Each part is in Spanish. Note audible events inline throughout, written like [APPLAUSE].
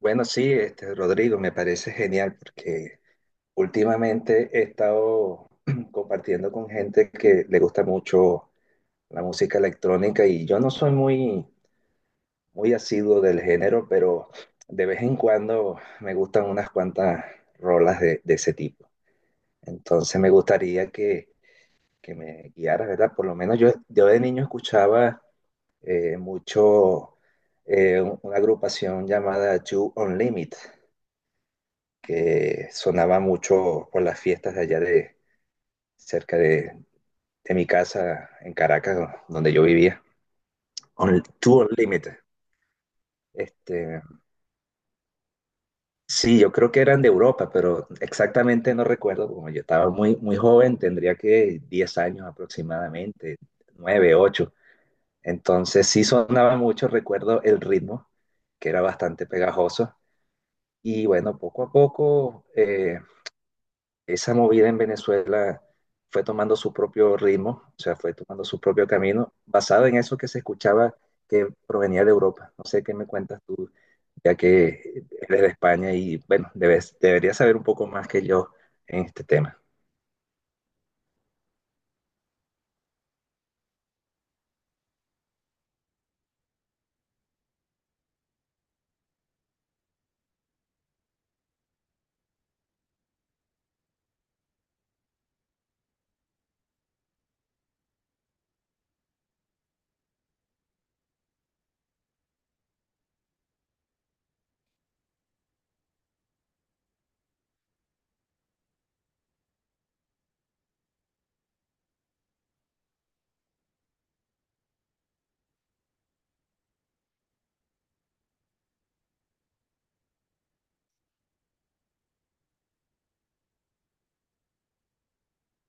Bueno, sí, este, Rodrigo, me parece genial porque últimamente he estado [CLEARS THROAT] compartiendo con gente que le gusta mucho la música electrónica y yo no soy muy, muy asiduo del género, pero de vez en cuando me gustan unas cuantas rolas de ese tipo. Entonces me gustaría que me guiaras, ¿verdad? Por lo menos yo de niño escuchaba mucho una agrupación llamada You Unlimited, que sonaba mucho por las fiestas de allá de cerca de mi casa en Caracas, donde yo vivía. On, Two Unlimited. Este, sí, yo creo que eran de Europa, pero exactamente no recuerdo, como yo estaba muy, muy joven, tendría que 10 años aproximadamente, 9, 8. Entonces sí sonaba mucho, recuerdo el ritmo, que era bastante pegajoso. Y bueno, poco a poco esa movida en Venezuela fue tomando su propio ritmo, o sea, fue tomando su propio camino, basado en eso que se escuchaba que provenía de Europa. No sé qué me cuentas tú, ya que eres de España y, bueno, debes, deberías saber un poco más que yo en este tema.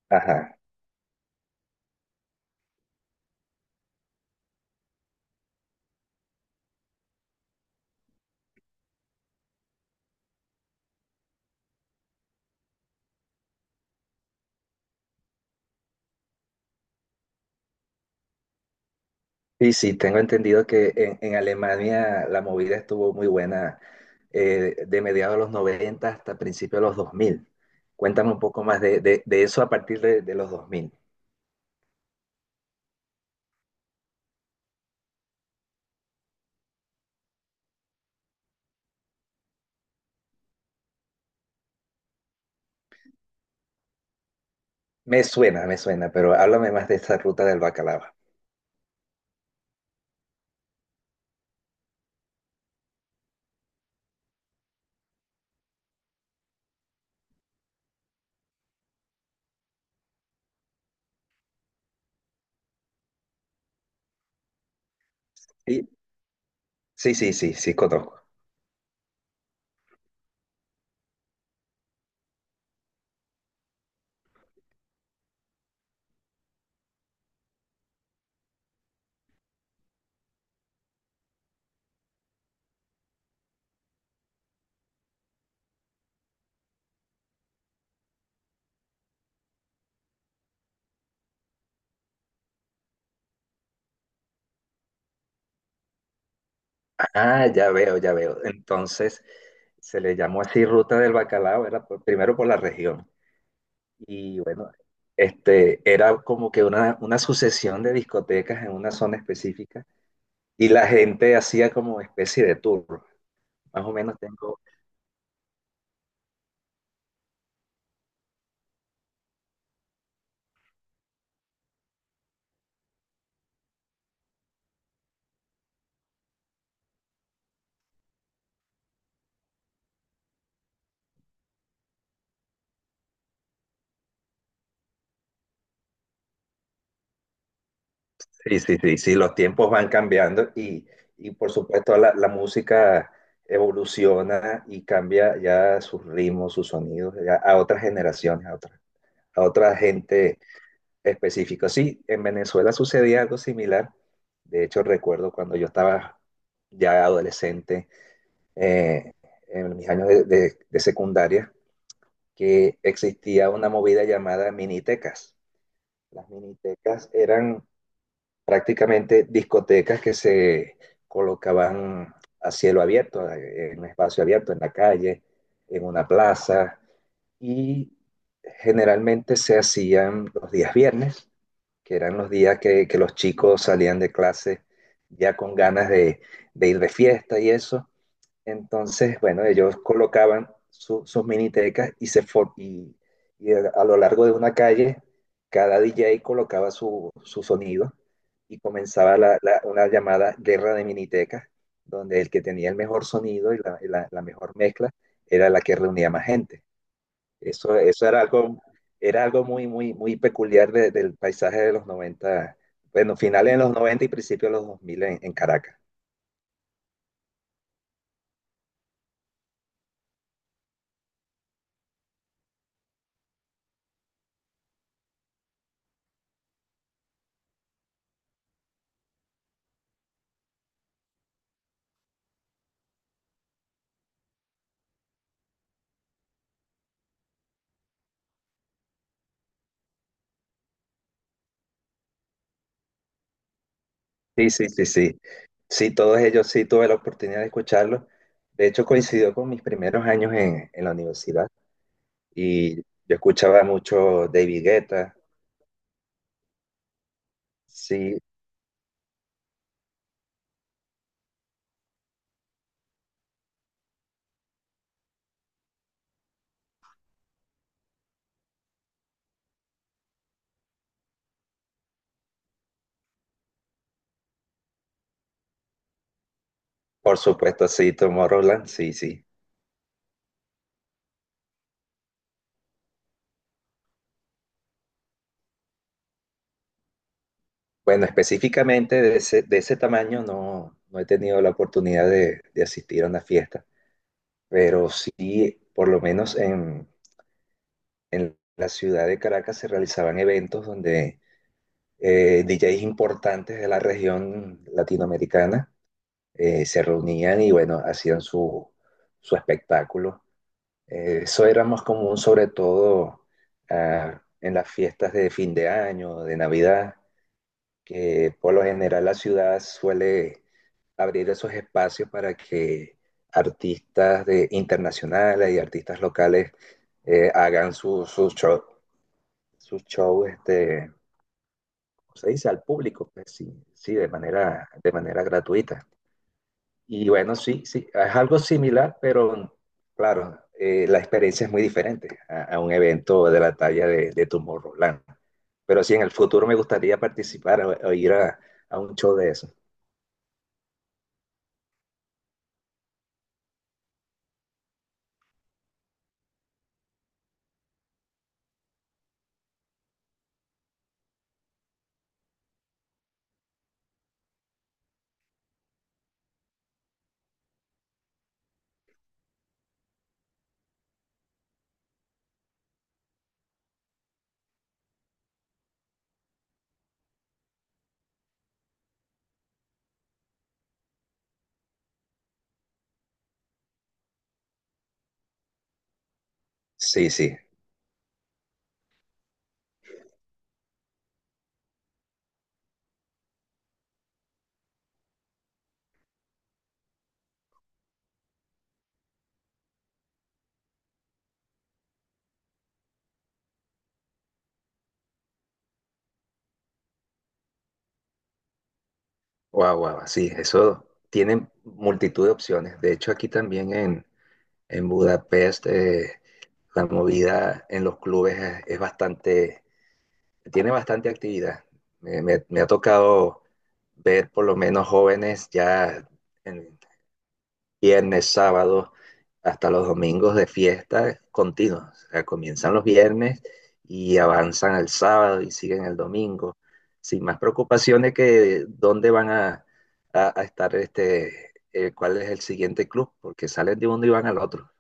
Ajá. Sí, sí, tengo entendido que en Alemania la movida estuvo muy buena de mediados de los 90 hasta principios de los dos mil. Cuéntame un poco más de eso a partir de los dos mil. Me suena, pero háblame más de esa ruta del bacalao. Sí, sí, sí, sí, sí conozco. Ah, ya veo, ya veo. Entonces, se le llamó así ruta del bacalao, era primero por la región. Y bueno, este, era como que una sucesión de discotecas en una zona específica y la gente hacía como especie de tour. Más o menos tengo. Sí, sí, sí, sí, los tiempos van cambiando y por supuesto la música evoluciona y cambia ya sus ritmos, sus sonidos ya a otras generaciones, a otra gente específica. Sí, en Venezuela sucedía algo similar. De hecho, recuerdo cuando yo estaba ya adolescente, eh, en mis años de secundaria, que existía una movida llamada minitecas. Las minitecas eran prácticamente discotecas que se colocaban a cielo abierto, en un espacio abierto, en la calle, en una plaza, y generalmente se hacían los días viernes, que eran los días que los chicos salían de clase ya con ganas de ir de fiesta y eso, entonces, bueno, ellos colocaban sus minitecas y, y a lo largo de una calle, cada DJ colocaba su sonido y comenzaba una llamada guerra de minitecas, donde el que tenía el mejor sonido y la mejor mezcla era la que reunía más gente. Eso era algo muy, muy, muy peculiar del paisaje de los noventa, bueno, finales de los 90 y principios de los 2000 en Caracas. Sí, sí, sí, sí. Sí, todos ellos sí tuve la oportunidad de escucharlos. De hecho, coincidió con mis primeros años en la universidad y yo escuchaba mucho David Guetta, sí, por supuesto, sí, Tomorrowland, sí, sí. Bueno, específicamente de ese tamaño no, no he tenido la oportunidad de asistir a una fiesta, pero sí, por lo menos en la ciudad de Caracas se realizaban eventos donde DJs importantes de la región latinoamericana se reunían y bueno, hacían su espectáculo. Eso era más común sobre todo ah, en las fiestas de fin de año, de Navidad, que por lo general la ciudad suele abrir esos espacios para que artistas internacionales y artistas locales hagan sus su shows su show, este, ¿cómo se dice al público? Pues sí, sí, de manera gratuita. Y bueno, sí, sí, es algo similar, pero claro, la experiencia es muy diferente a un evento de la talla de Tomorrowland. Pero sí, en el futuro me gustaría participar o ir a un show de eso. Sí, sí, wow, wow, sí, eso tiene multitud de opciones. De hecho, aquí también en Budapest la movida en los clubes es bastante tiene bastante actividad. Me ha tocado ver por lo menos jóvenes ya en viernes, sábado, hasta los domingos de fiesta continuos. O sea, comienzan los viernes y avanzan al sábado y siguen el domingo, sin más preocupaciones que dónde van a estar, este, cuál es el siguiente club, porque salen de uno y van al otro.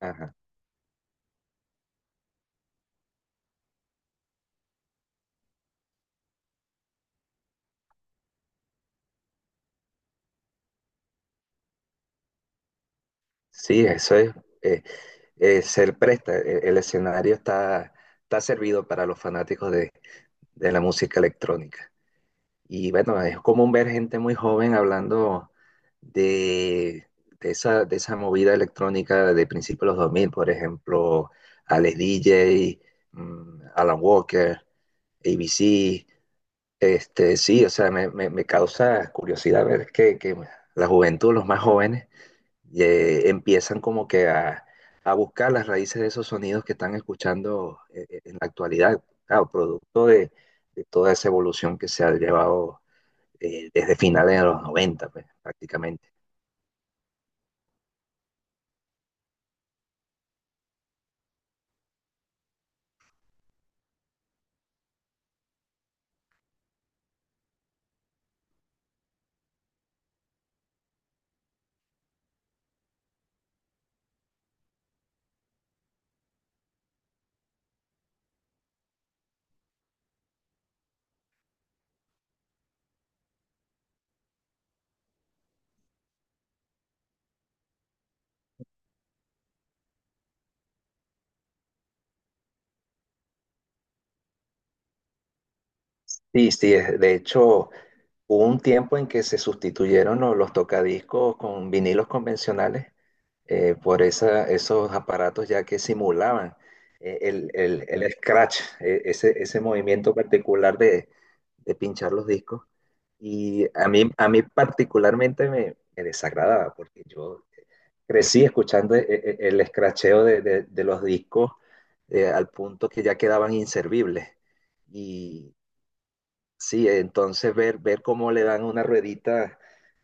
Ajá. Sí, eso es, se presta, el escenario está servido para los fanáticos de la música electrónica. Y bueno, es común ver gente muy joven hablando de, de esa movida electrónica de principios de los dos mil, por ejemplo, Alex DJ, Alan Walker, ABC. Este, sí, o sea, me causa curiosidad ver que la juventud, los más jóvenes, y, empiezan como que a buscar las raíces de esos sonidos que están escuchando en la actualidad, claro, producto de toda esa evolución que se ha llevado desde finales de los 90, pues, prácticamente. Sí, sí, de hecho, hubo un tiempo en que se sustituyeron tocadiscos con vinilos convencionales por esos aparatos ya que simulaban el scratch, ese movimiento particular de pinchar los discos. Y a mí particularmente me desagradaba porque yo crecí escuchando escracheo de los discos al punto que ya quedaban inservibles. Sí, entonces ver cómo le dan una ruedita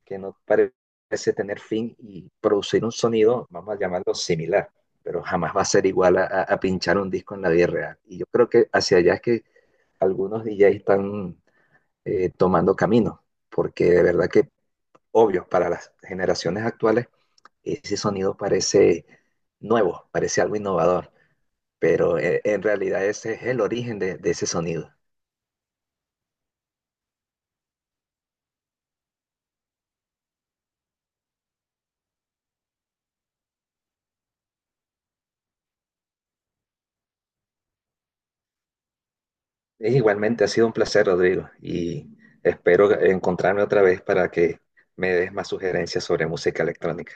que no parece tener fin y producir un sonido, vamos a llamarlo similar, pero jamás va a ser igual a pinchar un disco en la vida real. Y yo creo que hacia allá es que algunos DJs están tomando camino, porque de verdad que, obvio, para las generaciones actuales, ese sonido parece nuevo, parece algo innovador, pero en realidad ese es el origen de ese sonido. Es igualmente, ha sido un placer, Rodrigo, y espero encontrarme otra vez para que me des más sugerencias sobre música electrónica.